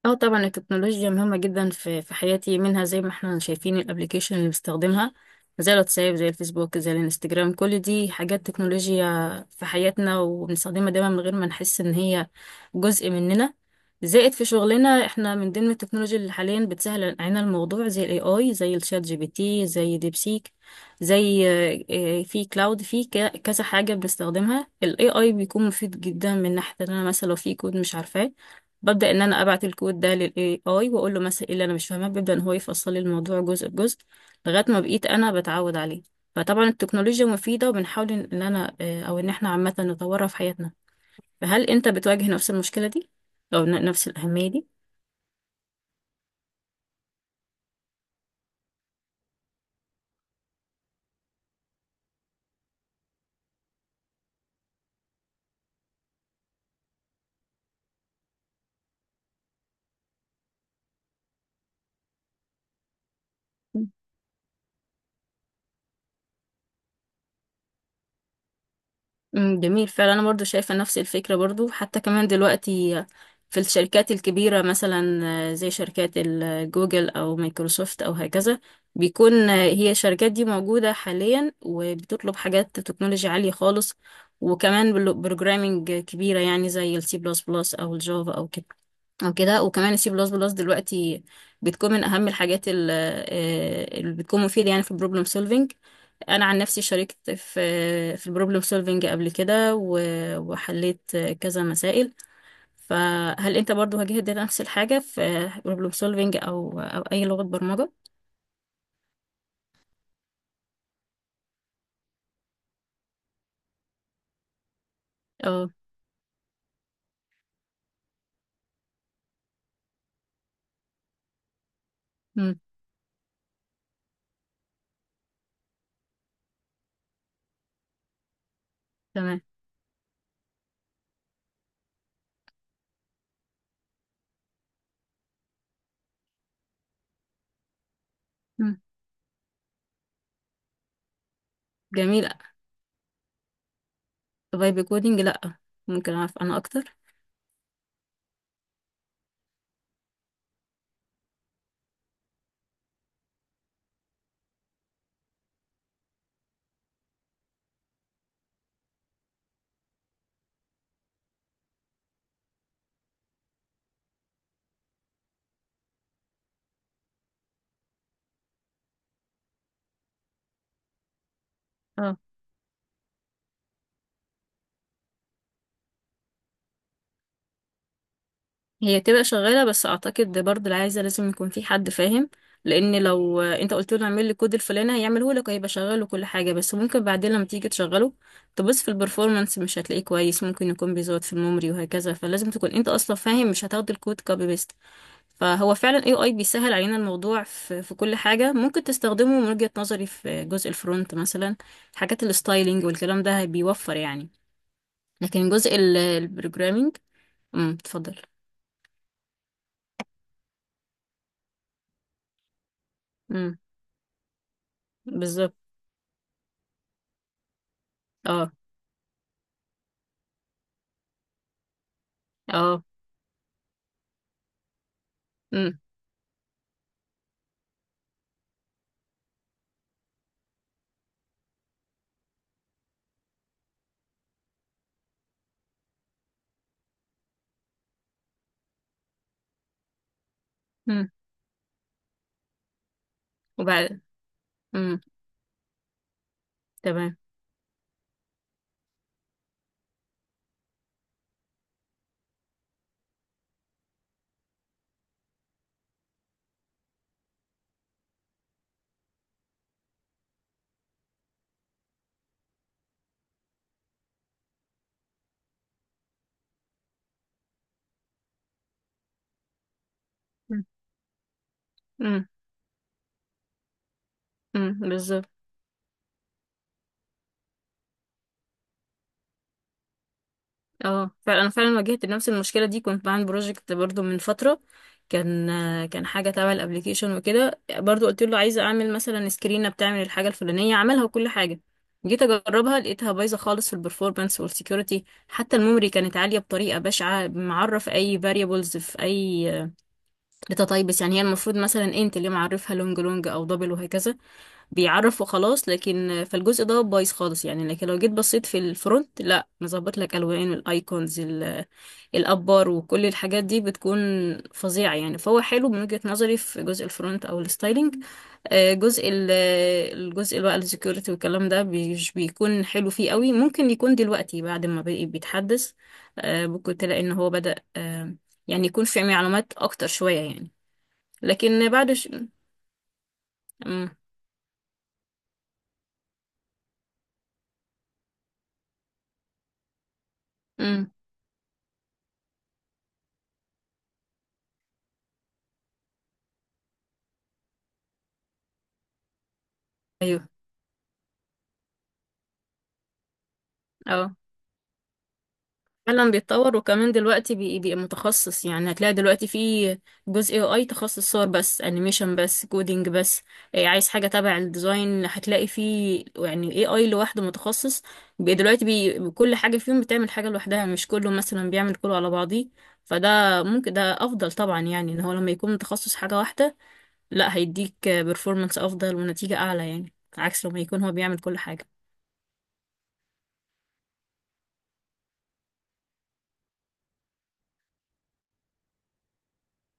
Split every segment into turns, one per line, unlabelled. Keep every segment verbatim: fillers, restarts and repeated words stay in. اه، طبعا التكنولوجيا مهمة جدا في في حياتي. منها زي ما احنا شايفين الابليكيشن اللي بستخدمها زي الواتساب، زي الفيسبوك، زي الانستجرام. كل دي حاجات تكنولوجيا في حياتنا وبنستخدمها دايما من غير ما نحس ان هي جزء مننا. زائد في شغلنا احنا من ضمن التكنولوجيا اللي حاليا بتسهل علينا الموضوع زي الاي اي، زي الشات جي بي تي، زي ديبسيك، زي آه، آه، في كلاود، في ك- كذا حاجة بنستخدمها. الاي اي بيكون مفيد جدا من ناحية ان انا مثلا لو في كود مش عارفاه، ببدأ ان انا ابعت الكود ده للاي اي واقول له مثلا ايه اللي انا مش فاهماه. بيبدأ ان هو يفصل لي الموضوع جزء بجزء لغاية ما بقيت انا بتعود عليه. فطبعا التكنولوجيا مفيدة وبنحاول ان إن انا آه، او ان احنا عامة نطورها في حياتنا. فهل انت بتواجه نفس المشكلة دي او ن- نفس الأهمية دي؟ امم، جميل فعلا. انا برضو شايفه نفس الفكره برضو. حتى كمان دلوقتي في الشركات الكبيره مثلا، آه، زي شركات ال- آه، جوجل او مايكروسوفت او هكذا. بيكون آه، هي الشركات دي موجوده حاليا وبتطلب حاجات تكنولوجيا عاليه خالص. وكمان بروجرامينج كبيره يعني زي السي بلس بلس او الجافا او كده، او كده. وكمان السي بلس بلس دلوقتي بتكون من اهم الحاجات ال- آه، اللي بتكون مفيده يعني في البروبلم سولفينج. انا عن نفسي شاركت في في البروبلم سولفينج قبل كده و- وحليت كذا مسائل. فهل انت برضو واجهت نفس الحاجه في بروبلم سولفينج او او اي لغه برمجه؟ اه. مم، تمام. مم، جميل. طب بايب كودينج لا، ممكن اعرف انا اكتر؟ هي تبقى شغالة بس أعتقد برضه اللي عايزة لازم يكون في حد فاهم. لأن لو أنت قلت له اعمل لي كود الفلاني هيعمله لك، هيبقى شغال وكل حاجة، بس ممكن بعدين لما تيجي تشغله تبص في البرفورمانس مش هتلاقيه كويس. ممكن يكون بيزود في الميموري وهكذا. فلازم تكون أنت أصلا فاهم، مش هتاخد الكود كوبي بيست. فهو فعلا اي اي بيسهل علينا الموضوع في, في كل حاجة. ممكن تستخدمه من وجهة نظري في جزء الفرونت مثلا، حاجات الستايلينج والكلام ده، بيوفر يعني. لكن جزء البروجرامينج. امم، اتفضل. امم، بالظبط. اه. اه. امم. امم. وبعد. امم. تمام. امم. امم. أمم، بالظبط. اه فعلا، انا فعلا واجهت نفس المشكله دي. كنت بعمل بروجكت برضو من فتره، كان كان حاجه تبع الابليكيشن وكده. برضو قلت له عايزه اعمل مثلا سكرينه بتعمل الحاجه الفلانيه، عملها وكل حاجه. جيت اجربها لقيتها بايظه خالص في البرفورمانس والسكيورتي. حتى الميموري كانت عاليه بطريقه بشعه. معرف اي فاريبلز في اي داتا تايبس، يعني هي المفروض مثلا انت اللي معرفها لونج لونج او دبل وهكذا. بيعرف وخلاص. لكن فالجزء ده بايظ خالص يعني. لكن لو جيت بصيت في الفرونت لا، مظبط لك الوان الايكونز ال- الابار وكل الحاجات دي بتكون فظيعه يعني. فهو حلو من وجهه نظري في جزء الفرونت او الستايلينج. آه، جزء ال- الجزء اللي هو السكيورتي والكلام ده مش بيكون حلو فيه قوي. ممكن يكون دلوقتي بعد ما بقى بيتحدث، آه، ممكن تلاقي ان هو بدأ آه، يعني يكون في معلومات اكتر شويه يعني. لكن بعد ش... مم. مم. ايوه. أه. فعلا بيتطور. وكمان دلوقتي بي- بيبقى متخصص. يعني هتلاقي دلوقتي في جزء اي اي تخصص صور بس، انيميشن بس، كودينج بس. إيه، عايز حاجه تبع الديزاين هتلاقي فيه يعني اي اي لوحده متخصص. بي- دلوقتي بي كل حاجه فيهم بتعمل حاجه لوحدها، مش كله مثلا بيعمل كله على بعضيه. فده ممكن ده افضل طبعا يعني. ان هو لما يكون متخصص حاجه واحده لا، هيديك بيرفورمانس افضل ونتيجه اعلى، يعني عكس لما يكون هو بيعمل كل حاجه.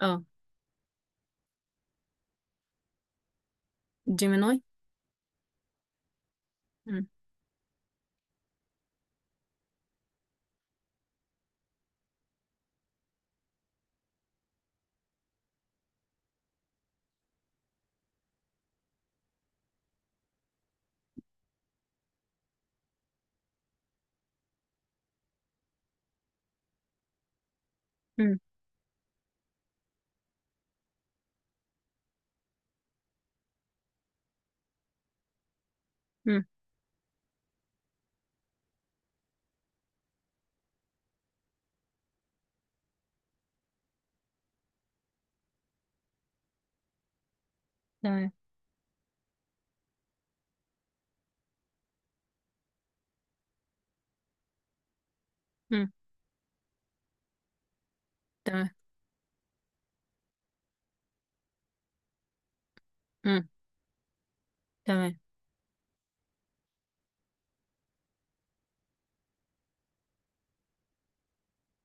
اه. جيميناي. مم. مم. مم. تمام. مم. تمام. امم. تمام.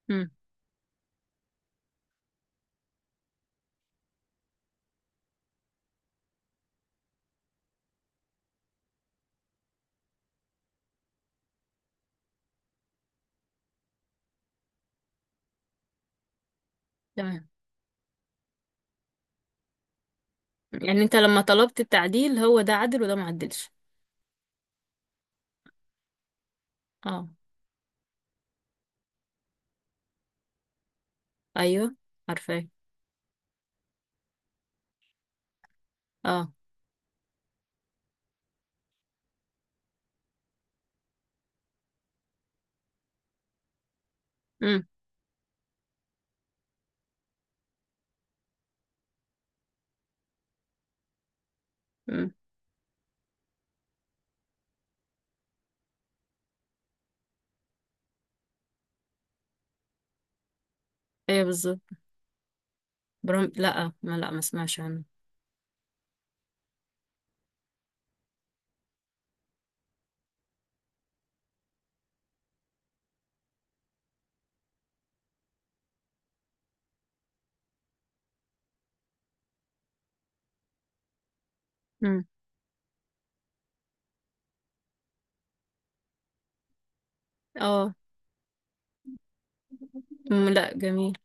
امم. تمام. يعني انت لما طلبت التعديل هو ده عدل وده ما عدلش؟ اه. ايوه، عارفاه. اه. امم. امم. ايوه، بالظبط. برام لا، ما لا، ما اسمعش عنه. امم. اه. أمم، لا جميل.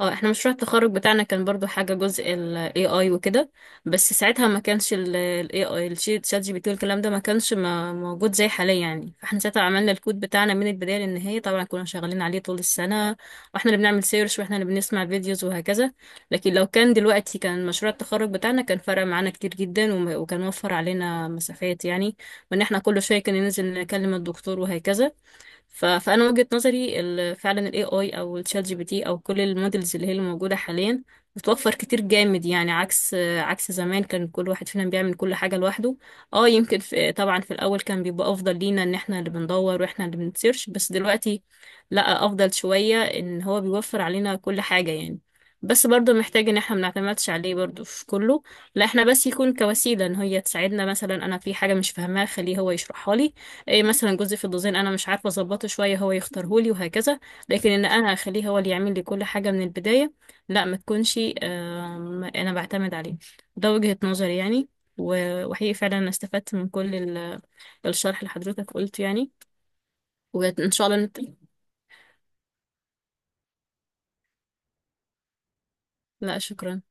اه احنا مشروع التخرج بتاعنا كان برضو حاجة جزء ال A I وكده. بس ساعتها ما كانش ال ال ايه آي، الشات شات جي بي تي والكلام ده، ما كانش ما موجود زي حاليا يعني. فاحنا ساعتها عملنا الكود بتاعنا من البداية للنهاية. طبعا كنا شغالين عليه طول السنة واحنا اللي بنعمل سيرش واحنا اللي بنسمع فيديوز وهكذا. لكن لو كان دلوقتي كان مشروع التخرج بتاعنا، كان فرق معانا كتير جدا وم- وكان وفر علينا مسافات يعني، وان احنا كل شوية كنا ننزل نكلم الدكتور وهكذا. ف- فانا وجهة نظري ال- فعلا الاي اي او الشات جي بي تي او كل المودلز اللي هي اللي موجوده حاليا بتوفر كتير جامد يعني. عكس عكس زمان كان كل واحد فينا بيعمل كل حاجه لوحده. اه، يمكن في طبعا في الاول كان بيبقى افضل لينا ان احنا اللي بندور واحنا اللي بنسيرش، بس دلوقتي لا، افضل شويه ان هو بيوفر علينا كل حاجه يعني. بس برضه محتاج ان احنا ما نعتمدش عليه برضه في كله. لا احنا بس يكون كوسيله ان هي تساعدنا. مثلا انا في حاجه مش فاهماها خليه هو يشرحها لي. ايه مثلا، جزء في الديزاين انا مش عارفه اظبطه شويه هو يختارهولي وهكذا. لكن ان انا اخليه هو اللي يعمل لي كل حاجه من البدايه لا، ما تكونش، آم، انا بعتمد عليه. ده وجهه نظري يعني. و- وحقيقي فعلا انا استفدت من كل ال- الشرح اللي حضرتك قلته يعني. وان شاء الله نت... لا شكرا.